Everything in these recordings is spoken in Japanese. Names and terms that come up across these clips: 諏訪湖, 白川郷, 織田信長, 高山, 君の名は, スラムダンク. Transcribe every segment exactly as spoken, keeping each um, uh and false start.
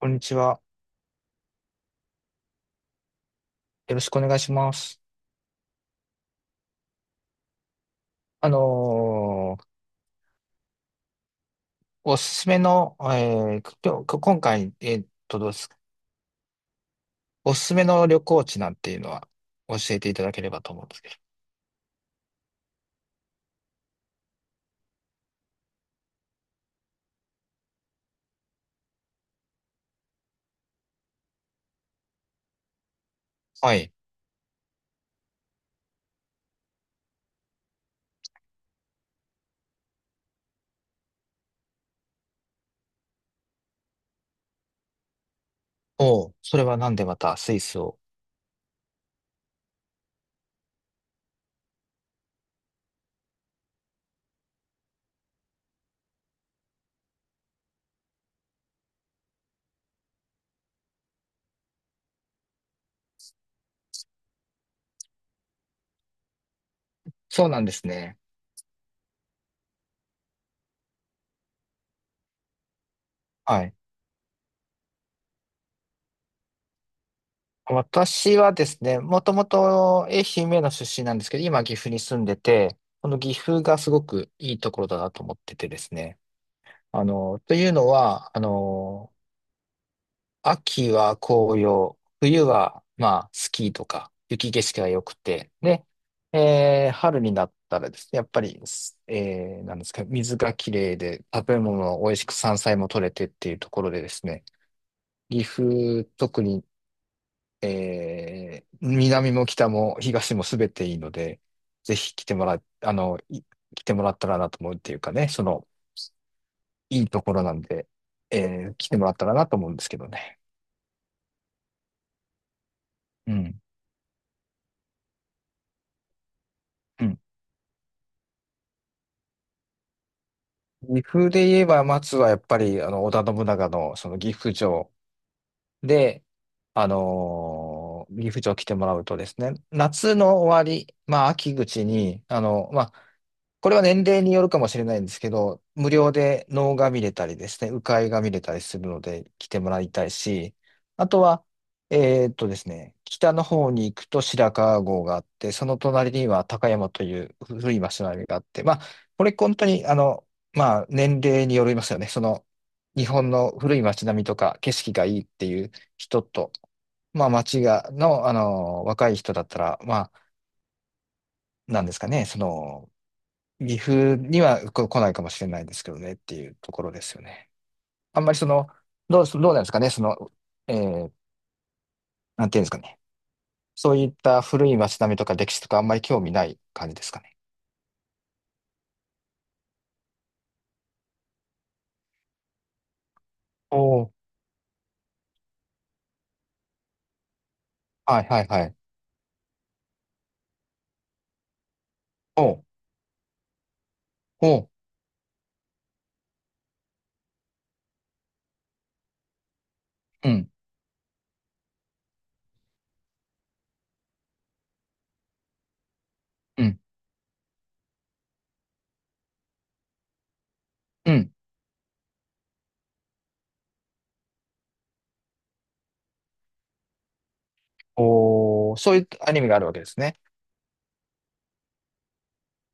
こんにちは。よろしくお願いします。あのーおすすめの、えー、く今日、く今回、えーっと、どうですか。おすすめの旅行地なんていうのは教えていただければと思うんですけど。はい。おう、それはなんでまたスイスを。そうなんですね。はい。私はですね、もともと愛媛の出身なんですけど、今岐阜に住んでて、この岐阜がすごくいいところだなと思っててですね。あの、というのは、あの、秋は紅葉、冬は、まあ、スキーとか、雪景色が良くて、で、えー春になったらですね、やっぱり、すえーなんですか、水がきれいで、食べ物も美味しく山菜も取れてっていうところでですね、岐阜、特に、えー南も北も東も全ていいので、ぜひ来てもら、あの、い来てもらったらなと思うっていうかね、その、いいところなんで、えー来てもらったらなと思うんですけどね。うん。うん、岐阜で言えば、松はやっぱり、あの、織田信長の、その岐阜城で、あのー、ギフジョー来てもらうとですね、夏の終わり、まあ、秋口に、あの、まあ、これは年齢によるかもしれないんですけど、無料で能が見れたりですね、鵜飼が見れたりするので来てもらいたいし、あとは、えーっとですね、北の方に行くと白川郷があって、その隣には高山という古い町並みがあって、まあ、これ本当に、あの、まあ、年齢によりますよね。その、日本の古い町並みとか景色がいいっていう人と、まあ、町が、の、あの、若い人だったら、まあ、なんですかね、その、岐阜にはこ来ないかもしれないですけどねっていうところですよね。あんまりその、どう、どうなんですかね、その、えー、なんていうんですかね。そういった古い町並みとか歴史とかあんまり興味ない感じですかね。おー、はいはいはい。おう、おう、うん、うん、うん。おー、そういうアニメがあるわけですね。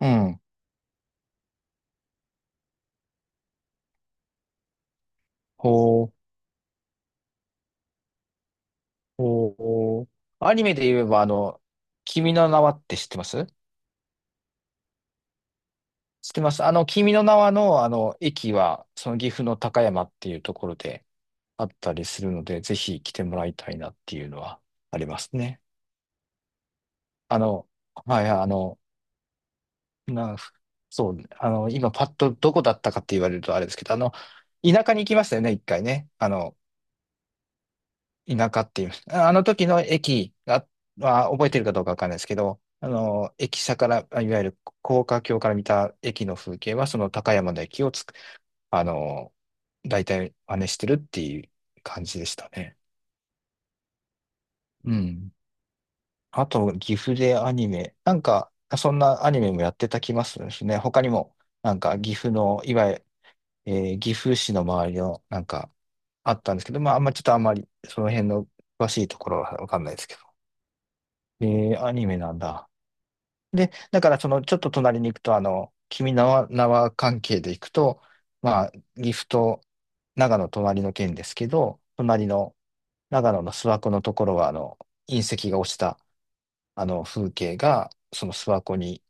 うん。おー、おー、アニメで言えば、あの、君の名はって知ってます？知ってます。あの、君の名はの、あの、駅は、その岐阜の高山っていうところであったりするので、ぜひ来てもらいたいなっていうのはありますね。あの、はい、あの、な、そう、あの、今パッとどこだったかって言われるとあれですけど、あの、田舎に行きましたよね、一回ね。あの、田舎っていう、ああの時の駅が、は覚えてるかどうかわかんないですけど、あの、駅舎から、あいわゆる高架橋から見た駅の風景は、その高山の駅をつく、あの、大体真似してるっていう感じでしたね。うん。あと、岐阜でアニメ。なんか、そんなアニメもやってた気まするですね。他にも、なんか、岐阜の、いわゆる、えー岐阜市の周りの、なんか、あったんですけど、まあ、あんまちょっとあんまり、その辺の詳しいところはわかんないですけど。えー、アニメなんだ。で、だからその、ちょっと隣に行くと、あの、君の名は関係で行くと、まあ、岐阜と長野隣の県ですけど、隣の長野の諏訪湖のところは、あの、隕石が落ちた、あの、風景が、その諏訪湖に、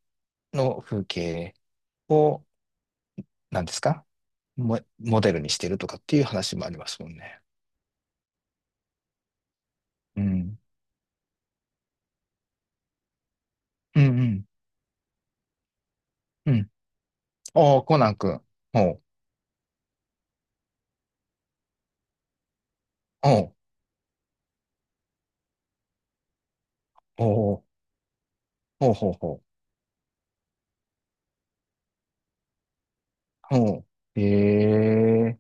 の風景を、なんですかモ、モデルにしてるとかっていう話もありますもんね。うん。うんうん。うん。おー、コナン君。ほう。ほう。ほうほう。ほうほうほう。ほう。ええ、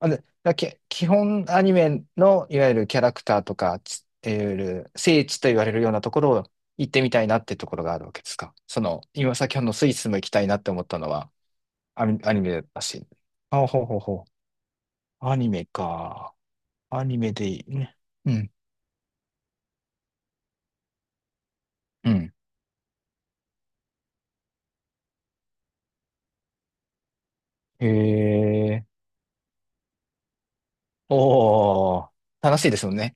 あ、で、だけ、基本アニメのいわゆるキャラクターとか、ついわゆる聖地と言われるようなところを行ってみたいなってところがあるわけですか。その、今先ほどのスイスも行きたいなって思ったのはアニ、アニメだし。あ、ほうほうほう。アニメか。アニメでいいね。うん、うん。へえ。おー、楽しいですもんね。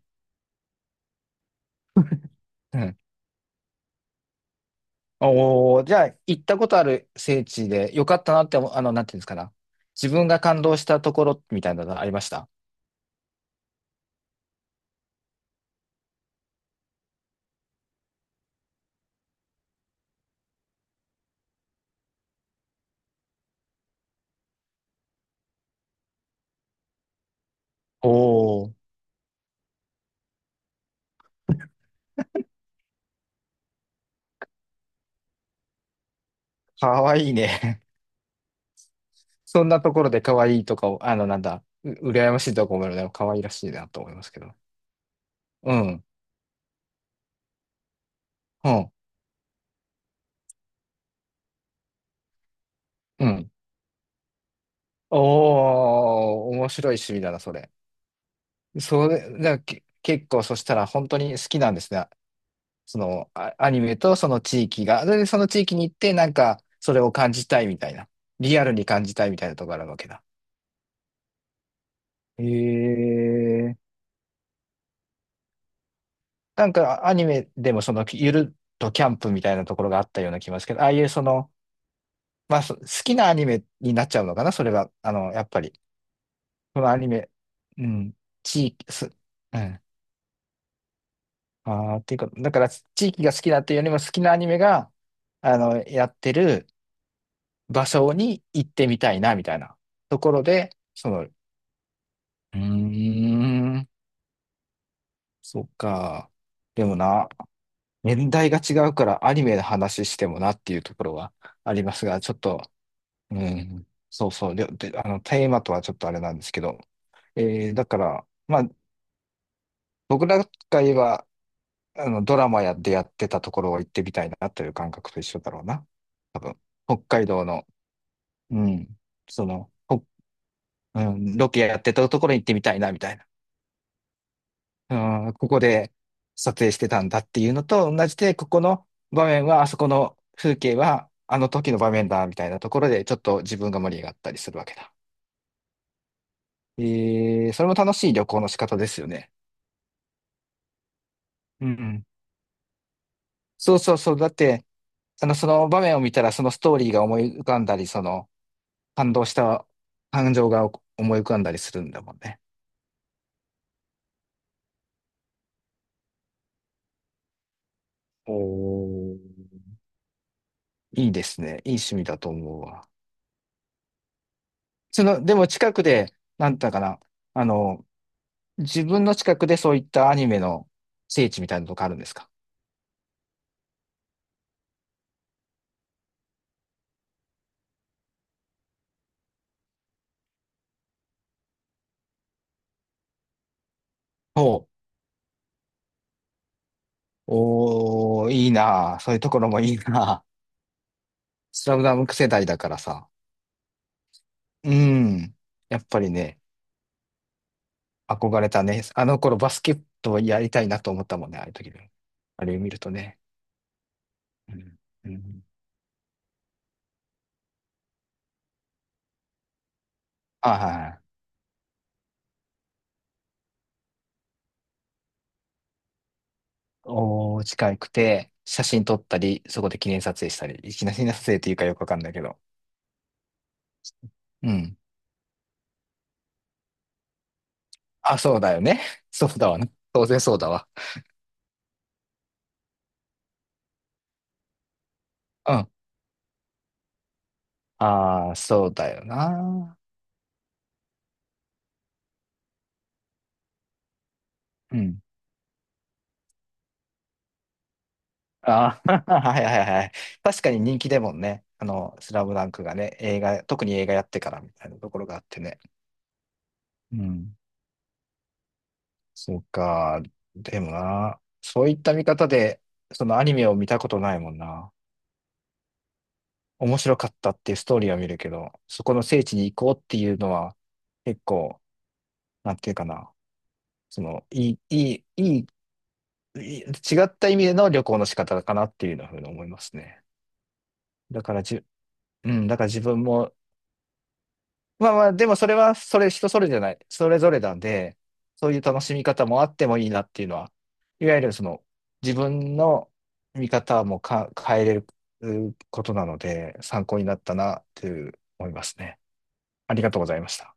うん。おー、じゃあ、行ったことある聖地で、よかったなって思う、あの、なんていうんですかな。自分が感動したところみたいなのありました。おー、かわいいね。そんなところでかわいいとかを、あの、なんだ、う、羨ましいとか思うので、かわいらしいなと思いますけど。うん、うん、うん。おー、面白い趣味だな、それ。それ、だからけ、結構、そしたら本当に好きなんですね。そのあアニメとその地域が、で、その地域に行って、なんか、それを感じたいみたいな。リアルに感じたいみたいなところがあるわけだ。へえ。なんか、アニメでもその、ゆるっとキャンプみたいなところがあったような気がしますけど、ああいうその、まあ、そ好きなアニメになっちゃうのかな、それは。あの、やっぱり。そのアニメ、うん、地域、す、うん。ああ、っていうか、だから、地域が好きだっていうよりも好きなアニメが、あの、やってる、場所に行ってみたいな、みたいなところで、その、うーん、そっか。でもな、年代が違うからアニメの話してもなっていうところはありますが、ちょっと、うん、そうそう、で、であの、テーマとはちょっとあれなんですけど、えー、だから、まあ、僕らが言えば、あの、ドラマやってやってたところを行ってみたいなという感覚と一緒だろうな。多分、北海道の、うん、その、ほ、うん、ロケやってたところに行ってみたいな、みたいな。うん、ここで撮影してたんだっていうのと同じで、ここの場面は、あそこの風景は、あの時の場面だ、みたいなところで、ちょっと自分が盛り上がったりするわけだ。えー、それも楽しい旅行の仕方ですよね。うんうん。そうそうそう。だって、あの、その場面を見たら、そのストーリーが思い浮かんだり、その、感動した感情が思い浮かんだりするんだもんね。おー、いいですね。いい趣味だと思うわ。その、でも近くで、なんだかな、あの、自分の近くでそういったアニメの聖地みたいなとこあるんですか。ほう。おー、いいなあ、そういうところもいいなあ。 スラムダンク世代だからさ。うん。やっぱりね、憧れたね。あの頃バスケットやりたいなと思ったもんね、ああいう時に。あれを見るとね。うん。うん、はいはい。おー、近くて、写真撮ったり、そこで記念撮影したり、記念撮影っていうかよくわかんないけど。うん。あ、そうだよね。そうだわね。当然そうだわ。うん。ああ、そうだよな。うん。ああ、はいはいはい。確かに人気でもんね。あの、スラムダンクがね、映画、特に映画やってからみたいなところがあってね。うん。そうか。でもな、そういった見方で、そのアニメを見たことないもんな。面白かったっていうストーリーは見るけど、そこの聖地に行こうっていうのは、結構、なんていうかな。その、いい、いい、いい、いい違った意味での旅行の仕方かなっていうのふうに思いますね。だから自うん、だから自分も、まあまあ、でもそれは、それ人それじゃない、それぞれなんで、そういう楽しみ方もあってもいいなっていうのは、いわゆるその、自分の見方もか変えれるうことなので、参考になったなっていう思いますね。ありがとうございました。